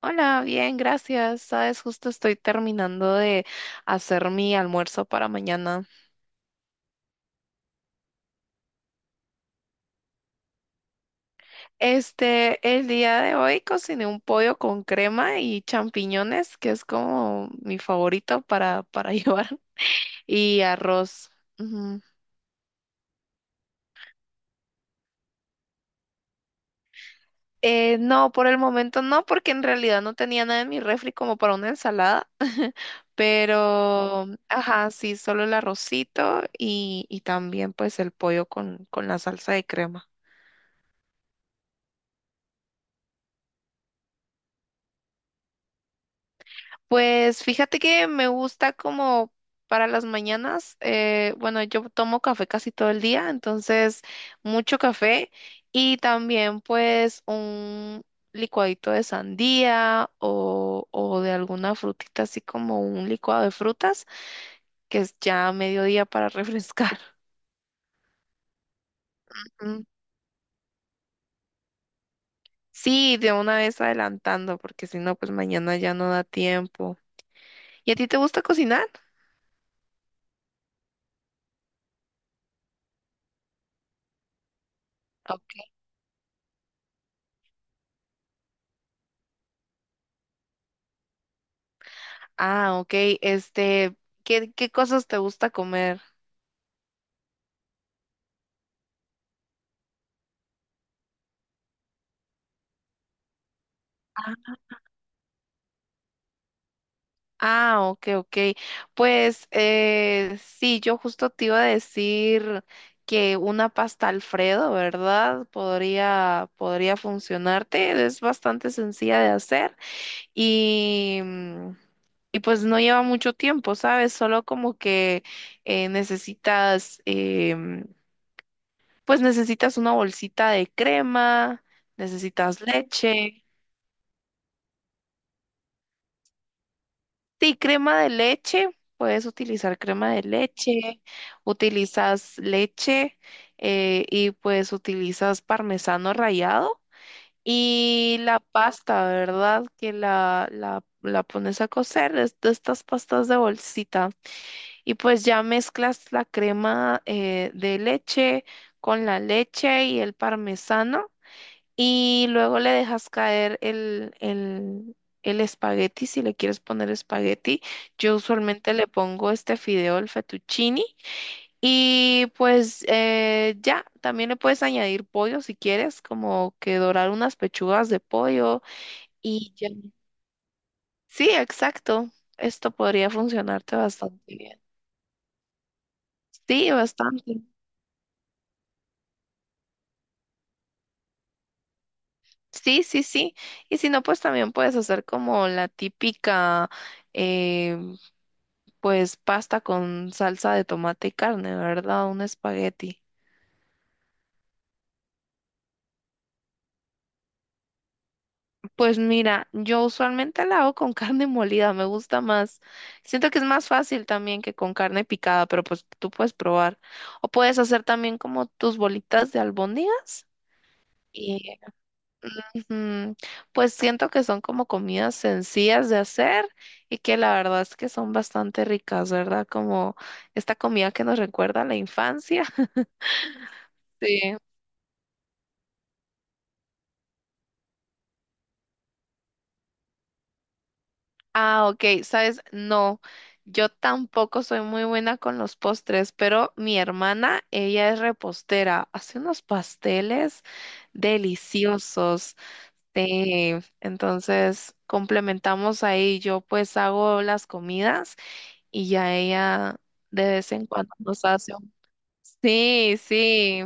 Hola, bien, gracias. Sabes, justo estoy terminando de hacer mi almuerzo para mañana. El día de hoy cociné un pollo con crema y champiñones, que es como mi favorito para llevar, y arroz. Ujú. No, por el momento no, porque en realidad no tenía nada en mi refri como para una ensalada. Pero, ajá, sí, solo el arrocito y también pues el pollo con la salsa de crema. Pues fíjate que me gusta como para las mañanas, bueno, yo tomo café casi todo el día, entonces mucho café y también pues un licuadito de sandía o de alguna frutita, así como un licuado de frutas, que es ya a mediodía para refrescar. Ujú. Sí, de una vez adelantando, porque si no, pues mañana ya no da tiempo. ¿Y a ti te gusta cocinar? Ah, ok. Este, ¿qué cosas te gusta comer? Ah, ah, ok. Pues sí, yo justo te iba a decir que una pasta Alfredo, ¿verdad? Podría funcionarte. Es bastante sencilla de hacer y, y pues no lleva mucho tiempo, ¿sabes? Solo como que eh, necesitas, em, pues necesitas una bolsita de crema, necesitas leche. Sí, crema de leche, puedes utilizar crema de leche, utilizas leche y pues utilizas parmesano rallado y la pasta, ¿verdad? Que la pones a cocer, es de estas pastas de bolsita y pues ya mezclas la crema de leche con la leche y el parmesano. Y luego le dejas caer el espagueti, si le quieres poner espagueti. Yo usualmente le pongo este fideo, el fettuccini. Y pues también le puedes añadir pollo si quieres, como que dorar unas pechugas de pollo y ya. Sí, exacto. Esto podría funcionarte bastante bien. Sí, bastante. Sí, sí, sí. Y si no, pues también puedes hacer como la típica, eh, pues pasta con salsa de tomate y carne, ¿verdad? Un espagueti. Pues mira, yo usualmente la hago con carne molida, me gusta más. Siento que es más fácil también que con carne picada, pero pues tú puedes probar. O puedes hacer también como tus bolitas de albóndigas. Mm, pues siento que son como comidas sencillas de hacer y que la verdad es que son bastante ricas, ¿verdad? Como esta comida que nos recuerda a la infancia. Sí. Ah, ok, sabes, no, yo tampoco soy muy buena con los postres, pero mi hermana, ella es repostera, hace unos pasteles deliciosos. Sí, entonces complementamos ahí, yo pues hago las comidas y ya ella de vez en cuando nos hace un... Sí, sí,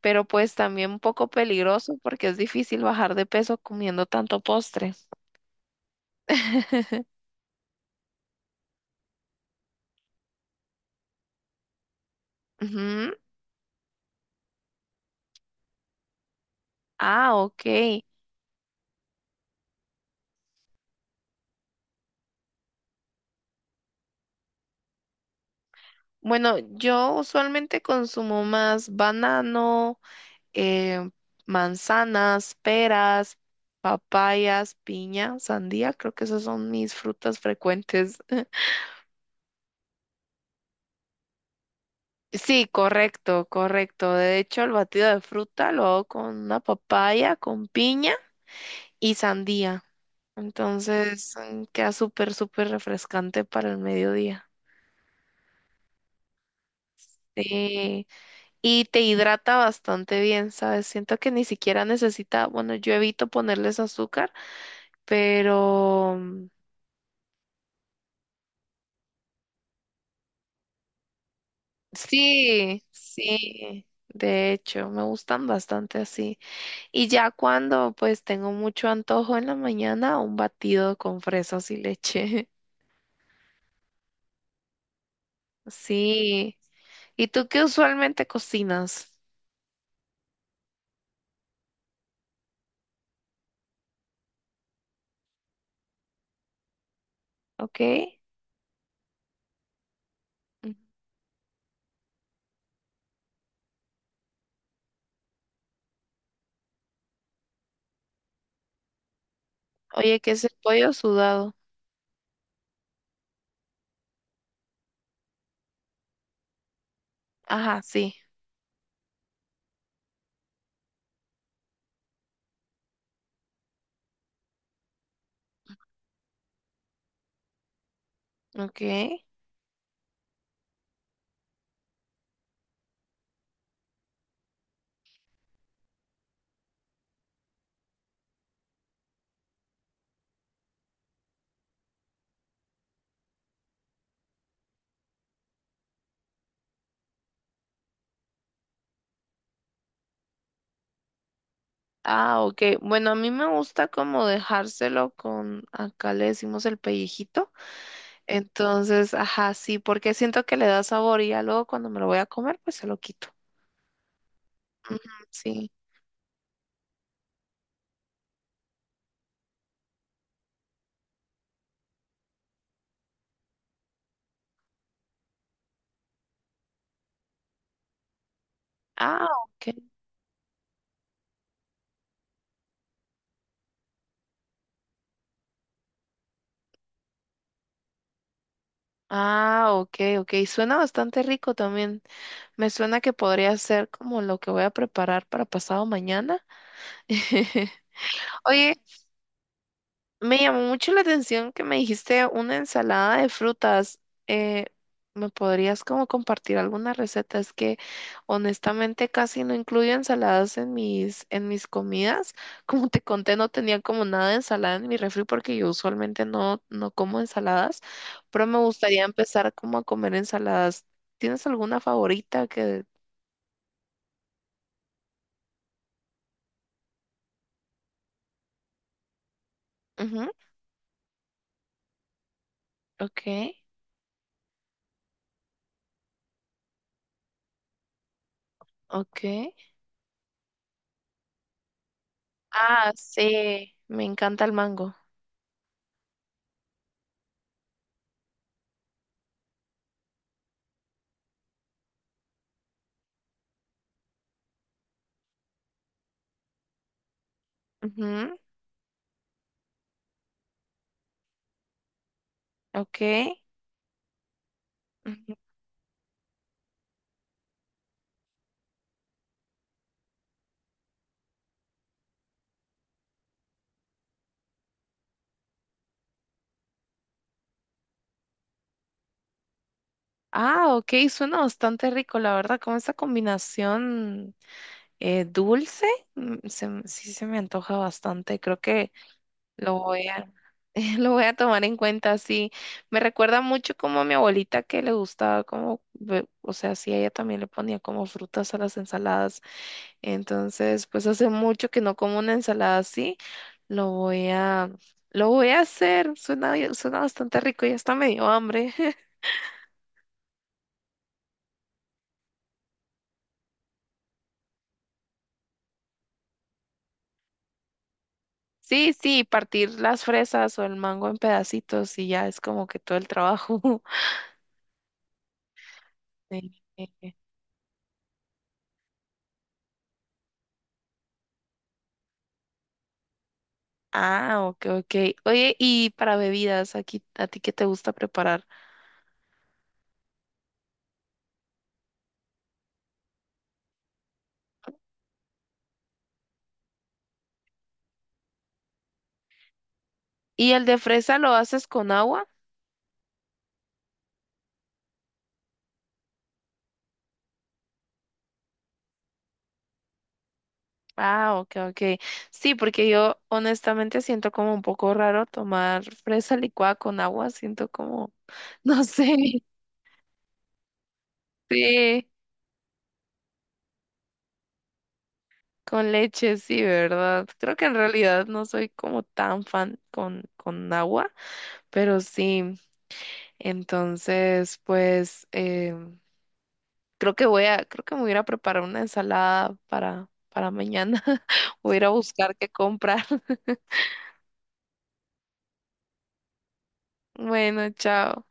pero pues también un poco peligroso porque es difícil bajar de peso comiendo tanto postre. Ujú. Ah, ok. Bueno, yo usualmente consumo más banano, eh, manzanas, peras, papayas, piña, sandía. Creo que esas son mis frutas frecuentes. Sí, correcto, correcto. De hecho, el batido de fruta lo hago con una papaya, con piña y sandía. Entonces, queda súper, súper refrescante para el mediodía. Sí, y te hidrata bastante bien, ¿sabes? Siento que ni siquiera necesita, bueno, yo evito ponerles azúcar, pero sí, sí, de hecho, me gustan bastante así. Y ya cuando pues tengo mucho antojo en la mañana, un batido con fresas y leche. Sí. ¿Y tú qué usualmente cocinas? ¿Ok? Ujú. Oye, ¿qué es el pollo sudado? Ajá, sí. Ok. Ah, ok. Bueno, a mí me gusta como dejárselo con, acá le decimos el pellejito. Entonces, ajá, sí, porque siento que le da sabor y ya luego cuando me lo voy a comer, pues se lo quito. Ujú, sí. Ah, ok. Ah, ok, ok. Suena bastante rico también. Me suena que podría ser como lo que voy a preparar para pasado mañana. Oye, me llamó mucho la atención que me dijiste una ensalada de frutas. Eh, ¿Me podrías como compartir alguna receta? Es que honestamente casi no incluyo ensaladas en en mis comidas. Como te conté, no tenía como nada de ensalada en mi refri porque yo usualmente no como ensaladas, pero me gustaría empezar como a comer ensaladas. ¿Tienes alguna favorita que... Ujú, Ok, ok. Ah, sí, me encanta el mango. Ujú, Ok. Ujú. Ah, ok, suena bastante rico, la verdad, con esa combinación dulce, sí se me antoja bastante, creo que lo voy a, lo voy a tomar en cuenta, sí, me recuerda mucho como a mi abuelita que le gustaba o sea, sí, ella también le ponía como frutas a las ensaladas, entonces, pues hace mucho que no como una ensalada así, lo voy a, lo voy a hacer, suena bastante rico, ya está medio hambre. Sí, sí, partir las fresas o el mango en pedacitos y ya es como que todo el trabajo. Sí. Ah, ok, ok. Oye, y para bebidas, aquí, ¿a ti qué te gusta preparar? ¿Y el de fresa lo haces con agua? Ah, ok, ok. Sí, porque yo honestamente siento como un poco raro tomar fresa licuada con agua, siento como, no sé, sí, con leche, sí, ¿verdad? Creo que en realidad no soy como tan fan con agua, pero sí. Entonces, pues creo que me voy a ir a preparar una ensalada para mañana. Voy a ir a buscar qué comprar. Bueno, chao.